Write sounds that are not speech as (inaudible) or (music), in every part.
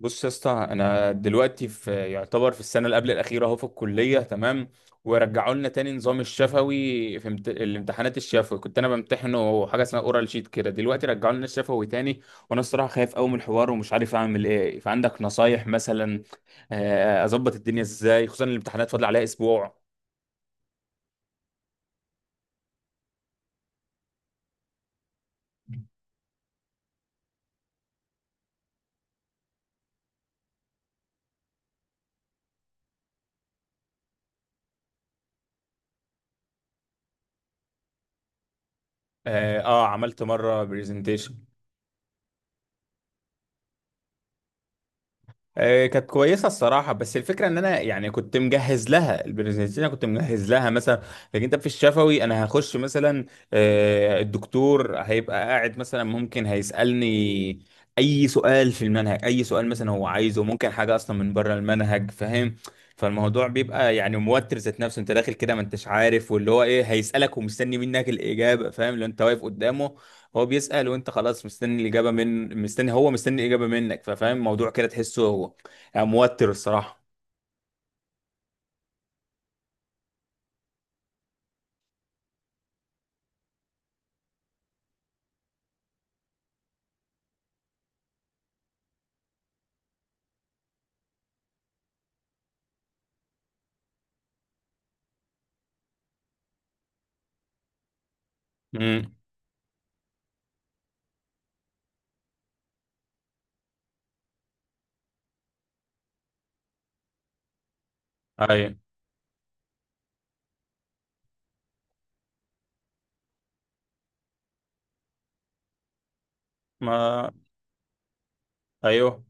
بص يا اسطى، انا دلوقتي في، يعتبر في السنه اللي قبل الاخيره اهو في الكليه. تمام، ورجعوا لنا تاني نظام الشفوي. في الامتحانات الشفوي كنت انا بمتحنه حاجه اسمها اورال شيت كده. دلوقتي رجعوا لنا الشفوي تاني، وانا الصراحه خايف قوي من الحوار ومش عارف اعمل ايه. فعندك نصايح مثلا، اظبط الدنيا ازاي؟ خصوصا الامتحانات فاضل عليها اسبوع. اه عملت مره برزنتيشن. كانت كويسه الصراحه، بس الفكره ان انا يعني كنت مجهز لها البرزنتيشن، كنت مجهز لها مثلا. لكن انت في الشفوي انا هخش مثلا، الدكتور هيبقى قاعد مثلا ممكن هيسالني اي سؤال في المنهج، اي سؤال مثلا هو عايزه، ممكن حاجه اصلا من بره المنهج، فاهم؟ فالموضوع بيبقى يعني موتر ذات نفسه. انت داخل كده ما انتش عارف واللي هو ايه هيسالك ومستني منك الاجابه، فاهم؟ لو انت واقف قدامه هو بيسأل وانت خلاص مستني الإجابة من، مستني، هو مستني الإجابة منك. ففاهم الموضوع كده، تحسه هو يعني موتر الصراحة. امم، ايوه ما ايوه.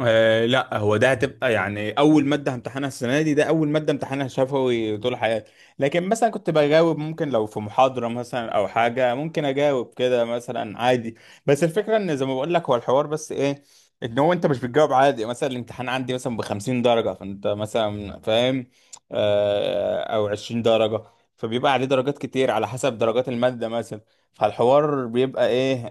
آه لا، هو ده هتبقى يعني اول ماده همتحنها السنه دي، ده اول ماده امتحانها شفوي طول حياتي. لكن مثلا كنت بجاوب ممكن لو في محاضره مثلا او حاجه، ممكن اجاوب كده مثلا عادي. بس الفكره ان زي ما بقول لك هو الحوار بس ايه، ان هو انت مش بتجاوب عادي. مثلا الامتحان عندي مثلا ب 50 درجه، فانت مثلا فاهم، آه او 20 درجه. فبيبقى عليه درجات كتير على حسب درجات الماده مثلا. فالحوار بيبقى ايه،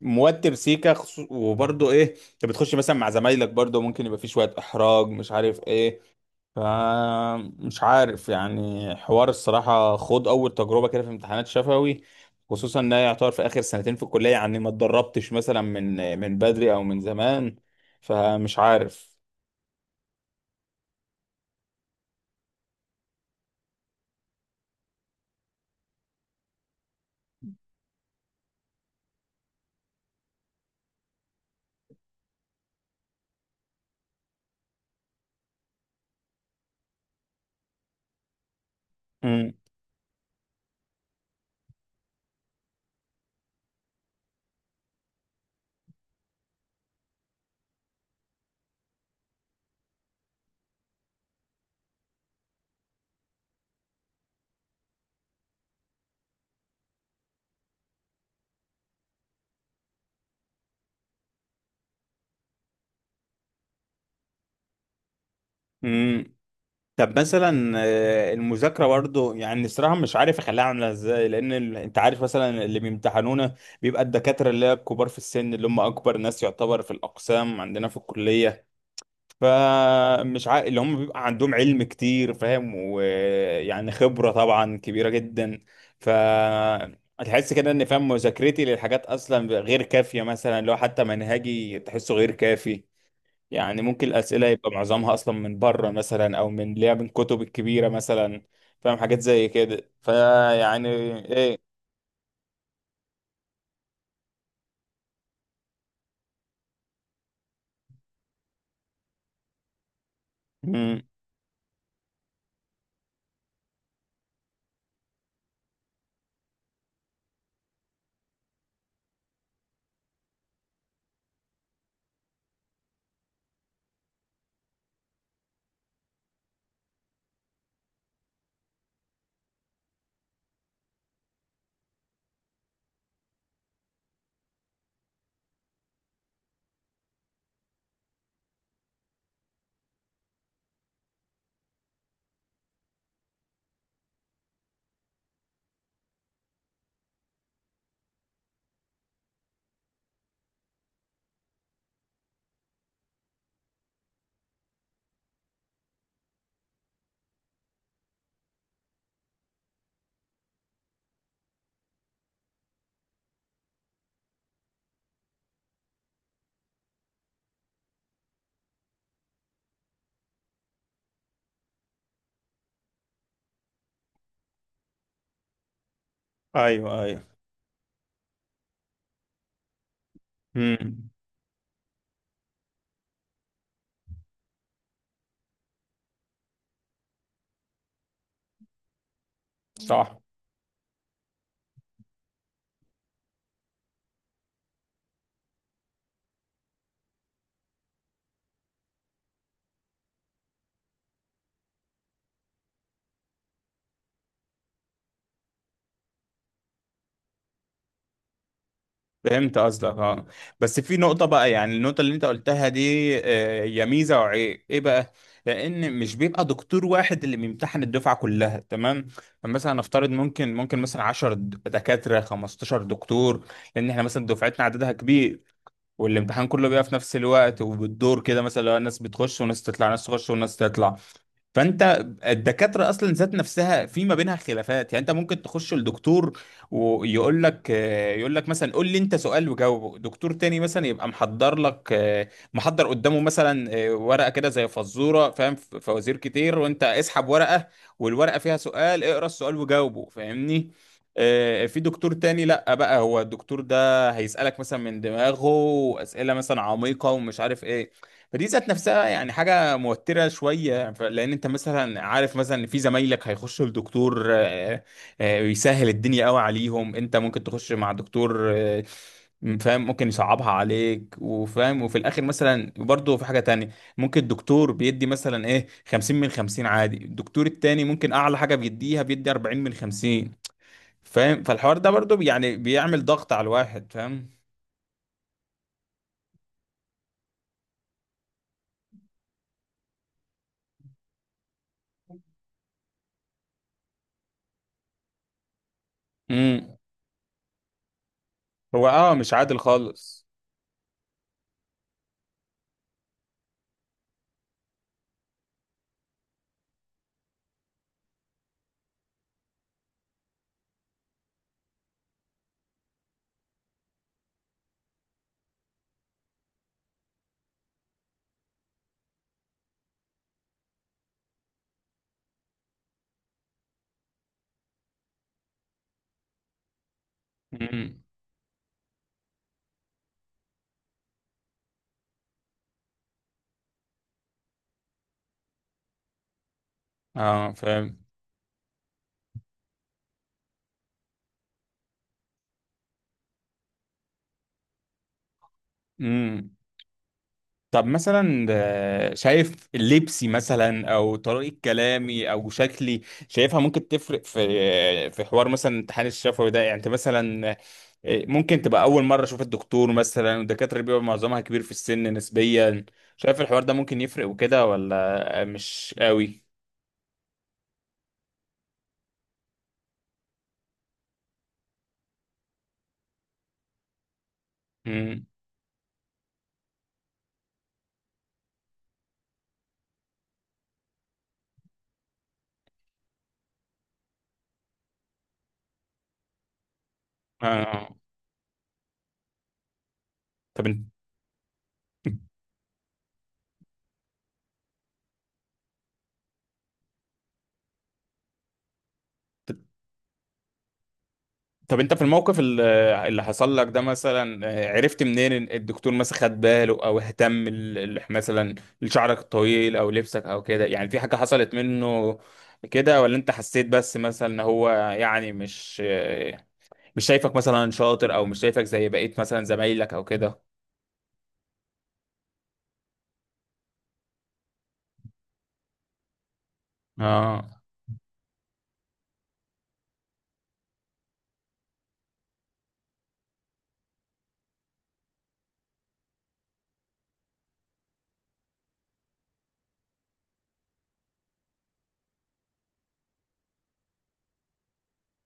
موتر سيكا وبرضه ايه، انت بتخش مثلا مع زمايلك، برضه ممكن يبقى فيه شوية احراج، مش عارف ايه. ف، مش عارف. يعني حوار الصراحة، خد اول تجربة كده في امتحانات شفوي، خصوصا ان هي يعتبر في اخر سنتين في الكلية، يعني ما اتدربتش مثلا من بدري او من زمان. فمش عارف. امم. طب مثلا المذاكرة برضو يعني الصراحة مش عارف اخليها عاملة ازاي، لان انت عارف مثلا اللي بيمتحنونا بيبقى الدكاترة اللي هي الكبار في السن، اللي هم اكبر ناس يعتبر في الاقسام عندنا في الكلية. فمش عارف، اللي هم بيبقى عندهم علم كتير، فاهم؟ ويعني خبرة طبعا كبيرة جدا. ف، تحس كده ان، فاهم، مذاكرتي للحاجات اصلا غير كافية، مثلا لو حتى منهجي تحسه غير كافي. يعني ممكن الأسئلة يبقى معظمها أصلا من بره مثلا أو من اللي هي من الكتب الكبيرة مثلا، فاهم؟ حاجات زي كده. فيعني، إيه. مم. أيوه أيوه. مم. صح. فهمت قصدك اه. بس في نقطة بقى، يعني النقطة اللي أنت قلتها دي، هي ميزة وعيب إيه بقى؟ لأن مش بيبقى دكتور واحد اللي بيمتحن الدفعة كلها، تمام؟ فمثلا نفترض ممكن، ممكن مثلا 10 دكاترة، 15 دكتور، لأن إحنا مثلا دفعتنا عددها كبير. والامتحان كله بيبقى في نفس الوقت وبالدور كده. مثلا لو ناس بتخش وناس تطلع، ناس تخش وناس تطلع. فانت الدكاتره اصلا ذات نفسها في ما بينها خلافات، يعني انت ممكن تخش لدكتور ويقول لك، يقول لك مثلا قول لي انت سؤال وجاوبه. دكتور تاني مثلا يبقى محضر لك، محضر قدامه مثلا، ورقه كده زي فزوره، فاهم؟ فوازير كتير، وانت اسحب ورقه والورقه فيها سؤال، اقرا السؤال وجاوبه، فاهمني؟ في دكتور تاني لا بقى، هو الدكتور ده هيسألك مثلا من دماغه اسئله مثلا عميقه ومش عارف ايه. فدي ذات نفسها يعني حاجة موترة شوية. لأن أنت مثلا عارف مثلا إن في زمايلك هيخشوا لدكتور يسهل الدنيا قوي عليهم. أنت ممكن تخش مع دكتور فاهم، ممكن يصعبها عليك وفاهم. وفي الآخر مثلا برضه في حاجة تانية، ممكن الدكتور بيدي مثلا إيه 50 من 50 عادي، الدكتور التاني ممكن أعلى حاجة بيديها بيدي 40 من 50، فاهم؟ فالحوار ده برضه يعني بيعمل ضغط على الواحد، فاهم؟ امم. هو اه مش عادل خالص. امم. اه فاهم. امم. طب مثلا شايف لبسي مثلا او طريقة كلامي او شكلي، شايفها ممكن تفرق في، في حوار مثلا الامتحان الشفوي ده؟ يعني انت مثلا ممكن تبقى اول مرة اشوف الدكتور مثلا، والدكاترة بيبقى معظمها كبير في السن نسبيا. شايف الحوار ده ممكن يفرق وكده ولا مش قوي؟ امم. آه. طب انت (laughs) طب انت في الموقف اللي حصل لك ده مثلا، عرفت منين ان الدكتور مثلا خد باله او اهتم مثلا لشعرك الطويل او لبسك او كده؟ يعني في حاجة حصلت منه كده، ولا انت حسيت بس مثلا ان هو يعني مش مش شايفك مثلا شاطر او مش شايفك زي بقية مثلا زمايلك او كده؟ اه.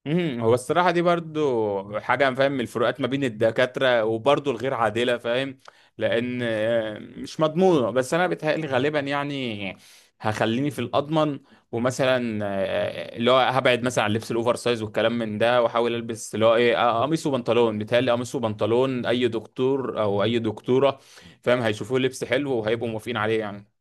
امم. هو الصراحة دي برضو حاجة، فاهم، من الفروقات ما بين الدكاترة، وبرضو الغير عادلة، فاهم؟ لأن مش مضمونة، بس أنا بتهيألي غالبا يعني هخليني في الأضمن. ومثلا اللي هو هبعد مثلا عن لبس الأوفر سايز والكلام من ده، وأحاول ألبس اللي هو إيه، قميص وبنطلون. بيتهيألي قميص وبنطلون أي دكتور أو أي دكتورة، فاهم، هيشوفوه لبس حلو وهيبقوا موافقين عليه يعني.